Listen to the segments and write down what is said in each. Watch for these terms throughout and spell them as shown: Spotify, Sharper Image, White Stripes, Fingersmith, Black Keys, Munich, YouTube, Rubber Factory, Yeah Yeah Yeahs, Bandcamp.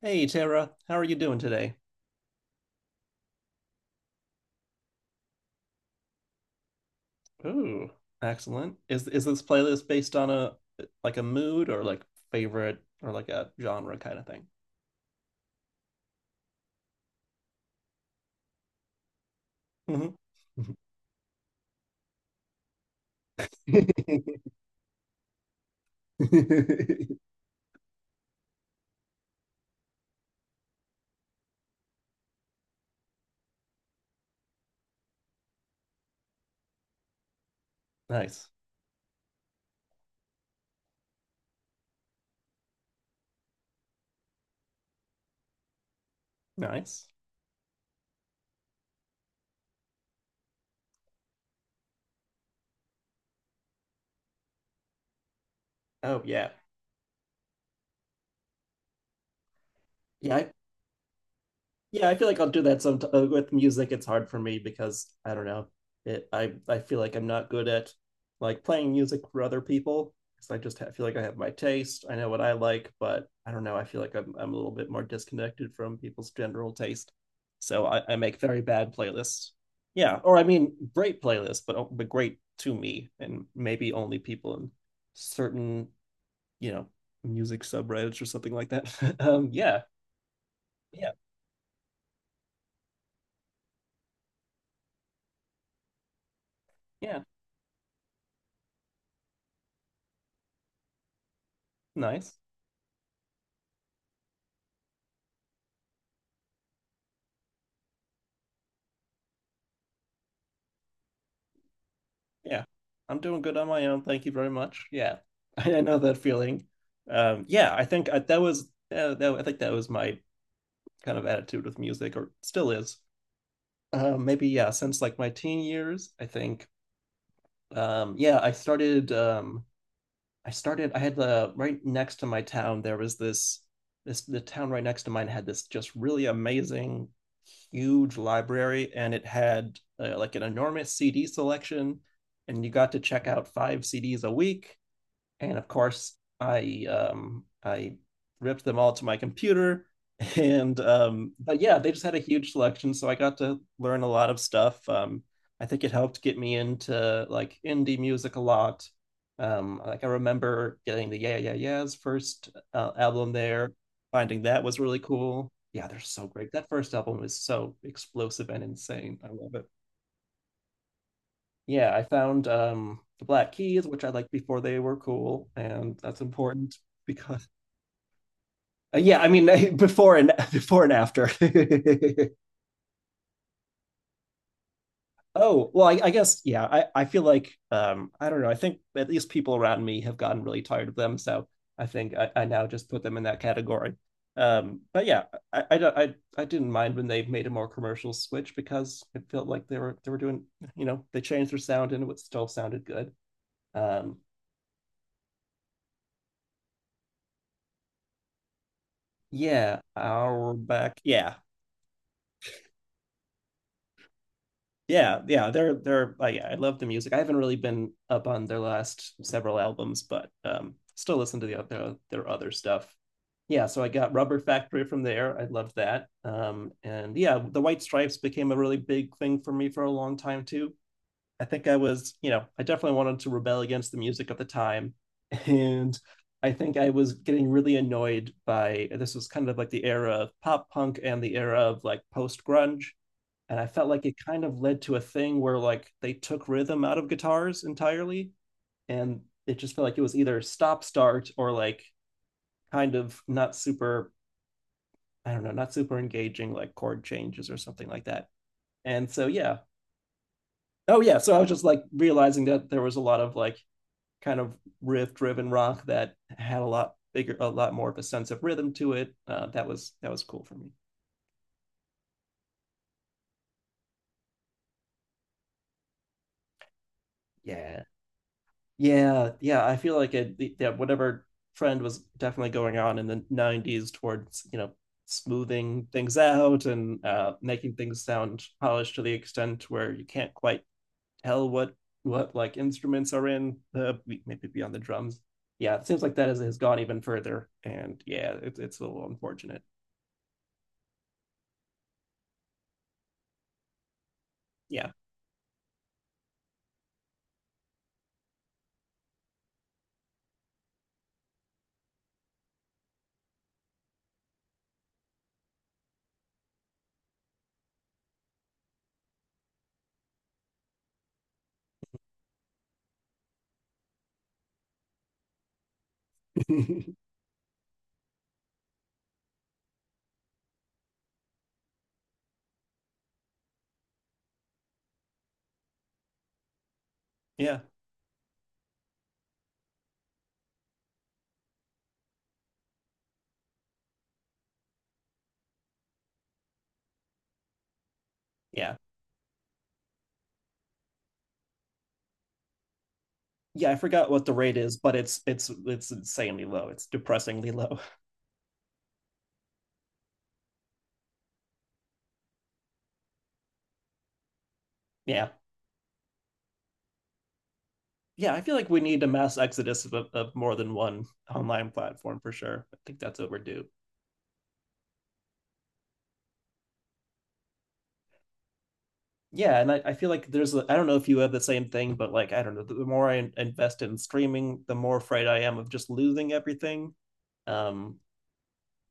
Hey Tara, how are you doing today? Ooh, excellent. Is this playlist based on a like a mood or like favorite or like a genre kind of thing? Mhm. Nice. Nice. Oh yeah. Yeah, yeah, I feel like I'll do that some with music. It's hard for me because I don't know. It I feel like I'm not good at like playing music for other people because I just ha feel like I have my taste. I know what I like, but I don't know. I feel like I'm a little bit more disconnected from people's general taste. So I make very bad playlists. Yeah, or I mean great playlists, but great to me and maybe only people in certain, you know, music subreddits or something like that. Yeah. Yeah. Yeah. Nice. Yeah, I'm doing good on my own. Thank you very much. Yeah, I know that feeling. Yeah, I think that was my kind of attitude with music, or still is. Maybe, yeah, since like my teen years, I think. Yeah, I started I started. I had the right next to my town. There was this this the town right next to mine had this just really amazing, huge library, and it had like an enormous CD selection, and you got to check out five CDs a week, and of course I ripped them all to my computer. And but yeah, they just had a huge selection, so I got to learn a lot of stuff. I think it helped get me into like indie music a lot. Like I remember getting the Yeah Yeah Yeahs first album there. Finding that was really cool. Yeah, they're so great. That first album is so explosive and insane. I love it. Yeah, I found the Black Keys, which I liked before they were cool, and that's important because yeah, I mean, before and before and after. Oh well, I guess, yeah. I feel like I don't know. I think at least people around me have gotten really tired of them, so I think I now just put them in that category. But yeah, I don't, I didn't mind when they made a more commercial switch because it felt like they were doing, they changed their sound, and it still sounded good. Um, Yeah, our back. Yeah. Yeah, yeah, they're yeah, I love the music. I haven't really been up on their last several albums, but still listen to their other stuff. Yeah, so I got Rubber Factory from there. I loved that. And yeah, the White Stripes became a really big thing for me for a long time too. I think I was, you know, I definitely wanted to rebel against the music of the time. And I think I was getting really annoyed by this was kind of like the era of pop punk and the era of like post grunge. And I felt like it kind of led to a thing where like they took rhythm out of guitars entirely. And it just felt like it was either stop start or like kind of not super, I don't know, not super engaging like chord changes or something like that. And so, yeah. Oh, yeah. So I was just like realizing that there was a lot of like kind of riff driven rock that had a lot bigger, a lot more of a sense of rhythm to it. That was cool for me. Yeah, yeah, yeah. I feel like it. Yeah, whatever trend was definitely going on in the '90s towards smoothing things out and, making things sound polished to the extent where you can't quite tell what like instruments are in the maybe beyond the drums. Yeah, it seems like that has gone even further, and yeah, it, it's a little unfortunate. Yeah, yeah. Yeah. Yeah, I forgot what the rate is, but it's insanely low. It's depressingly low. Yeah. Yeah, I feel like we need a mass exodus of more than one online platform for sure. I think that's overdue. Yeah, and I feel like there's a, I don't know if you have the same thing, but like I don't know, the more I invest in streaming, the more afraid I am of just losing everything. Um,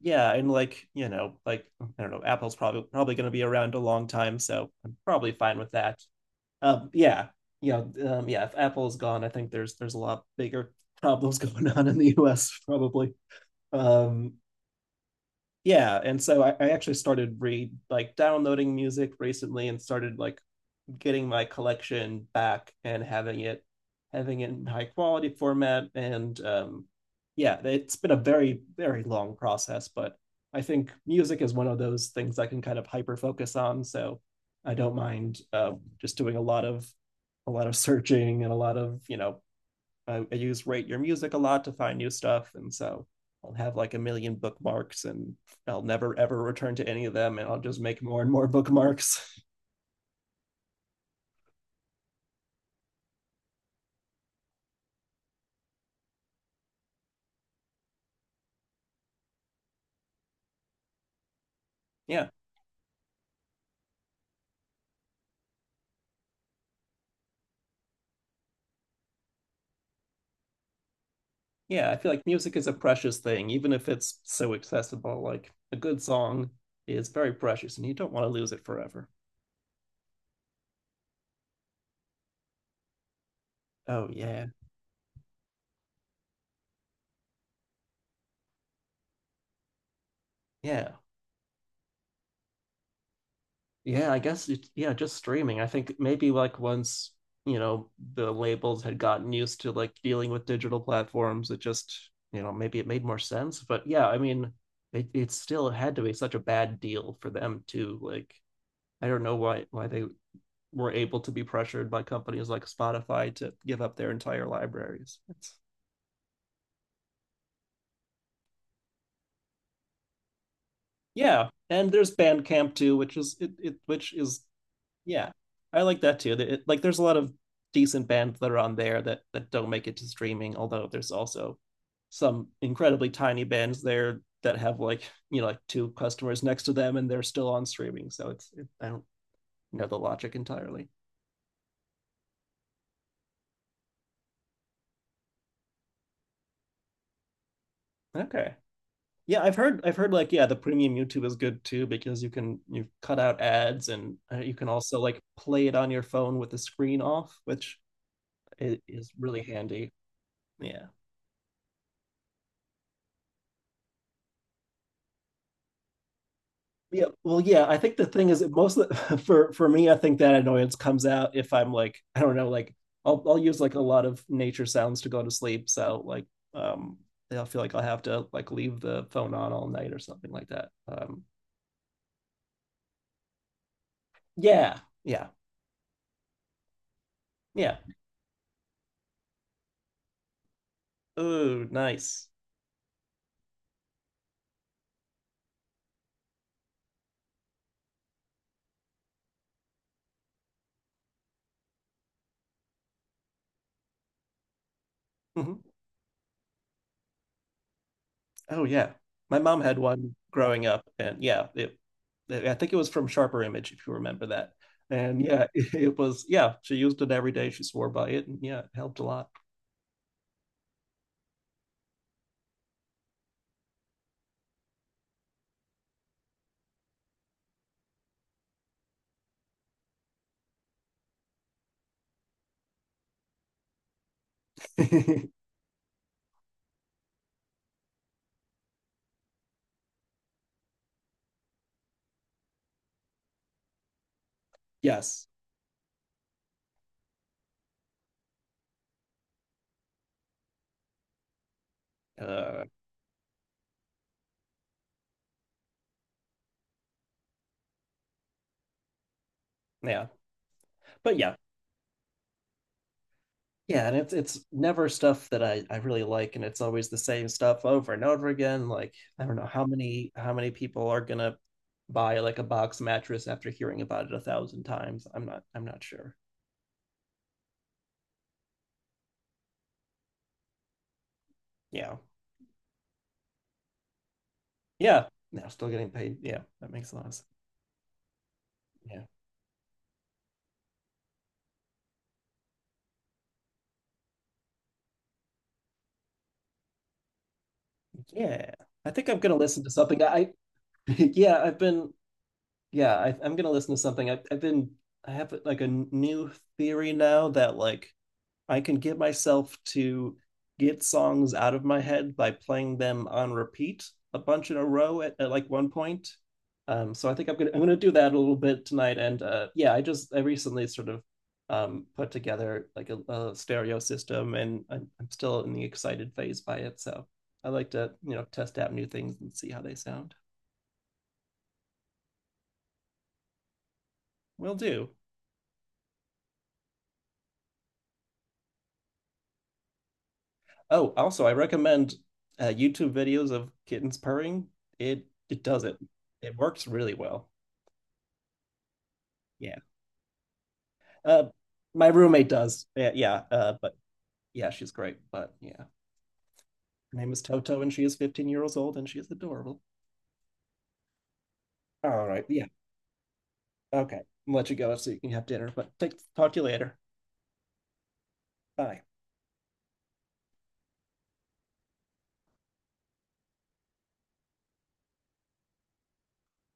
yeah, and like, you know, like I don't know, Apple's probably going to be around a long time, so I'm probably fine with that. Yeah, yeah. If Apple is gone, I think there's a lot bigger problems going on in the U.S. Probably. Um, yeah, and so I actually started read like downloading music recently and started like getting my collection back and having it in high quality format and yeah, it's been a very very long process, but I think music is one of those things I can kind of hyper focus on, so I don't mind, just doing a lot of searching and a lot of I use rate your music a lot to find new stuff. And so I'll have like a million bookmarks, and I'll never ever return to any of them, and I'll just make more and more bookmarks. Yeah, yeah, I feel like music is a precious thing, even if it's so accessible. Like a good song is very precious, and you don't want to lose it forever. Oh yeah. Yeah. Yeah, I guess it, yeah, just streaming. I think maybe like once, the labels had gotten used to like dealing with digital platforms. It just, maybe it made more sense. But yeah, I mean, it still had to be such a bad deal for them too. Like I don't know why they were able to be pressured by companies like Spotify to give up their entire libraries. It's, yeah, and there's Bandcamp too, which is yeah, I like that too. It, like there's a lot of decent bands that are on there that don't make it to streaming, although there's also some incredibly tiny bands there that have like two customers next to them, and they're still on streaming. So I don't know the logic entirely. Okay. Yeah, I've heard like, yeah, the premium YouTube is good too because you cut out ads, and you can also like play it on your phone with the screen off, which is really handy. Yeah. Yeah, well, yeah, I think the thing is that for me, I think that annoyance comes out if I'm like, I don't know, like I'll use like a lot of nature sounds to go to sleep. So like, um I'll feel like I'll have to like leave the phone on all night or something like that. Yeah, yeah, yeah. Oh, nice. Mhm. Oh yeah, my mom had one growing up, and yeah, it. I think it was from Sharper Image, if you remember that. And yeah, it, was yeah. She used it every day. She swore by it, and yeah, it helped a lot. Yes. Uh, yeah, but yeah, yeah, and it's never stuff that I really like, and it's always the same stuff over and over again. Like I don't know how many people are gonna buy like a box mattress after hearing about it a thousand times. I'm not sure. Yeah. Yeah. No, still getting paid. Yeah, that makes a lot of sense. Yeah. Yeah. I think I'm gonna listen to something. I yeah, I've been, yeah, I'm gonna listen to something. I I've been I have like a new theory now that like I can get myself to get songs out of my head by playing them on repeat a bunch in a row at like one point. So I think I'm gonna do that a little bit tonight. And yeah, I recently sort of put together like a stereo system, and I'm still in the excited phase by it. So I like to test out new things and see how they sound. Will do. Oh, also I recommend YouTube videos of kittens purring. It does it. It works really well. Yeah. Uh, my roommate does. Yeah, yeah. But yeah, she's great. But yeah, her name is Toto, and she is 15 years old, and she is adorable. All right. Yeah. Okay. I'll let you go so you can have dinner. But talk to you later. Bye.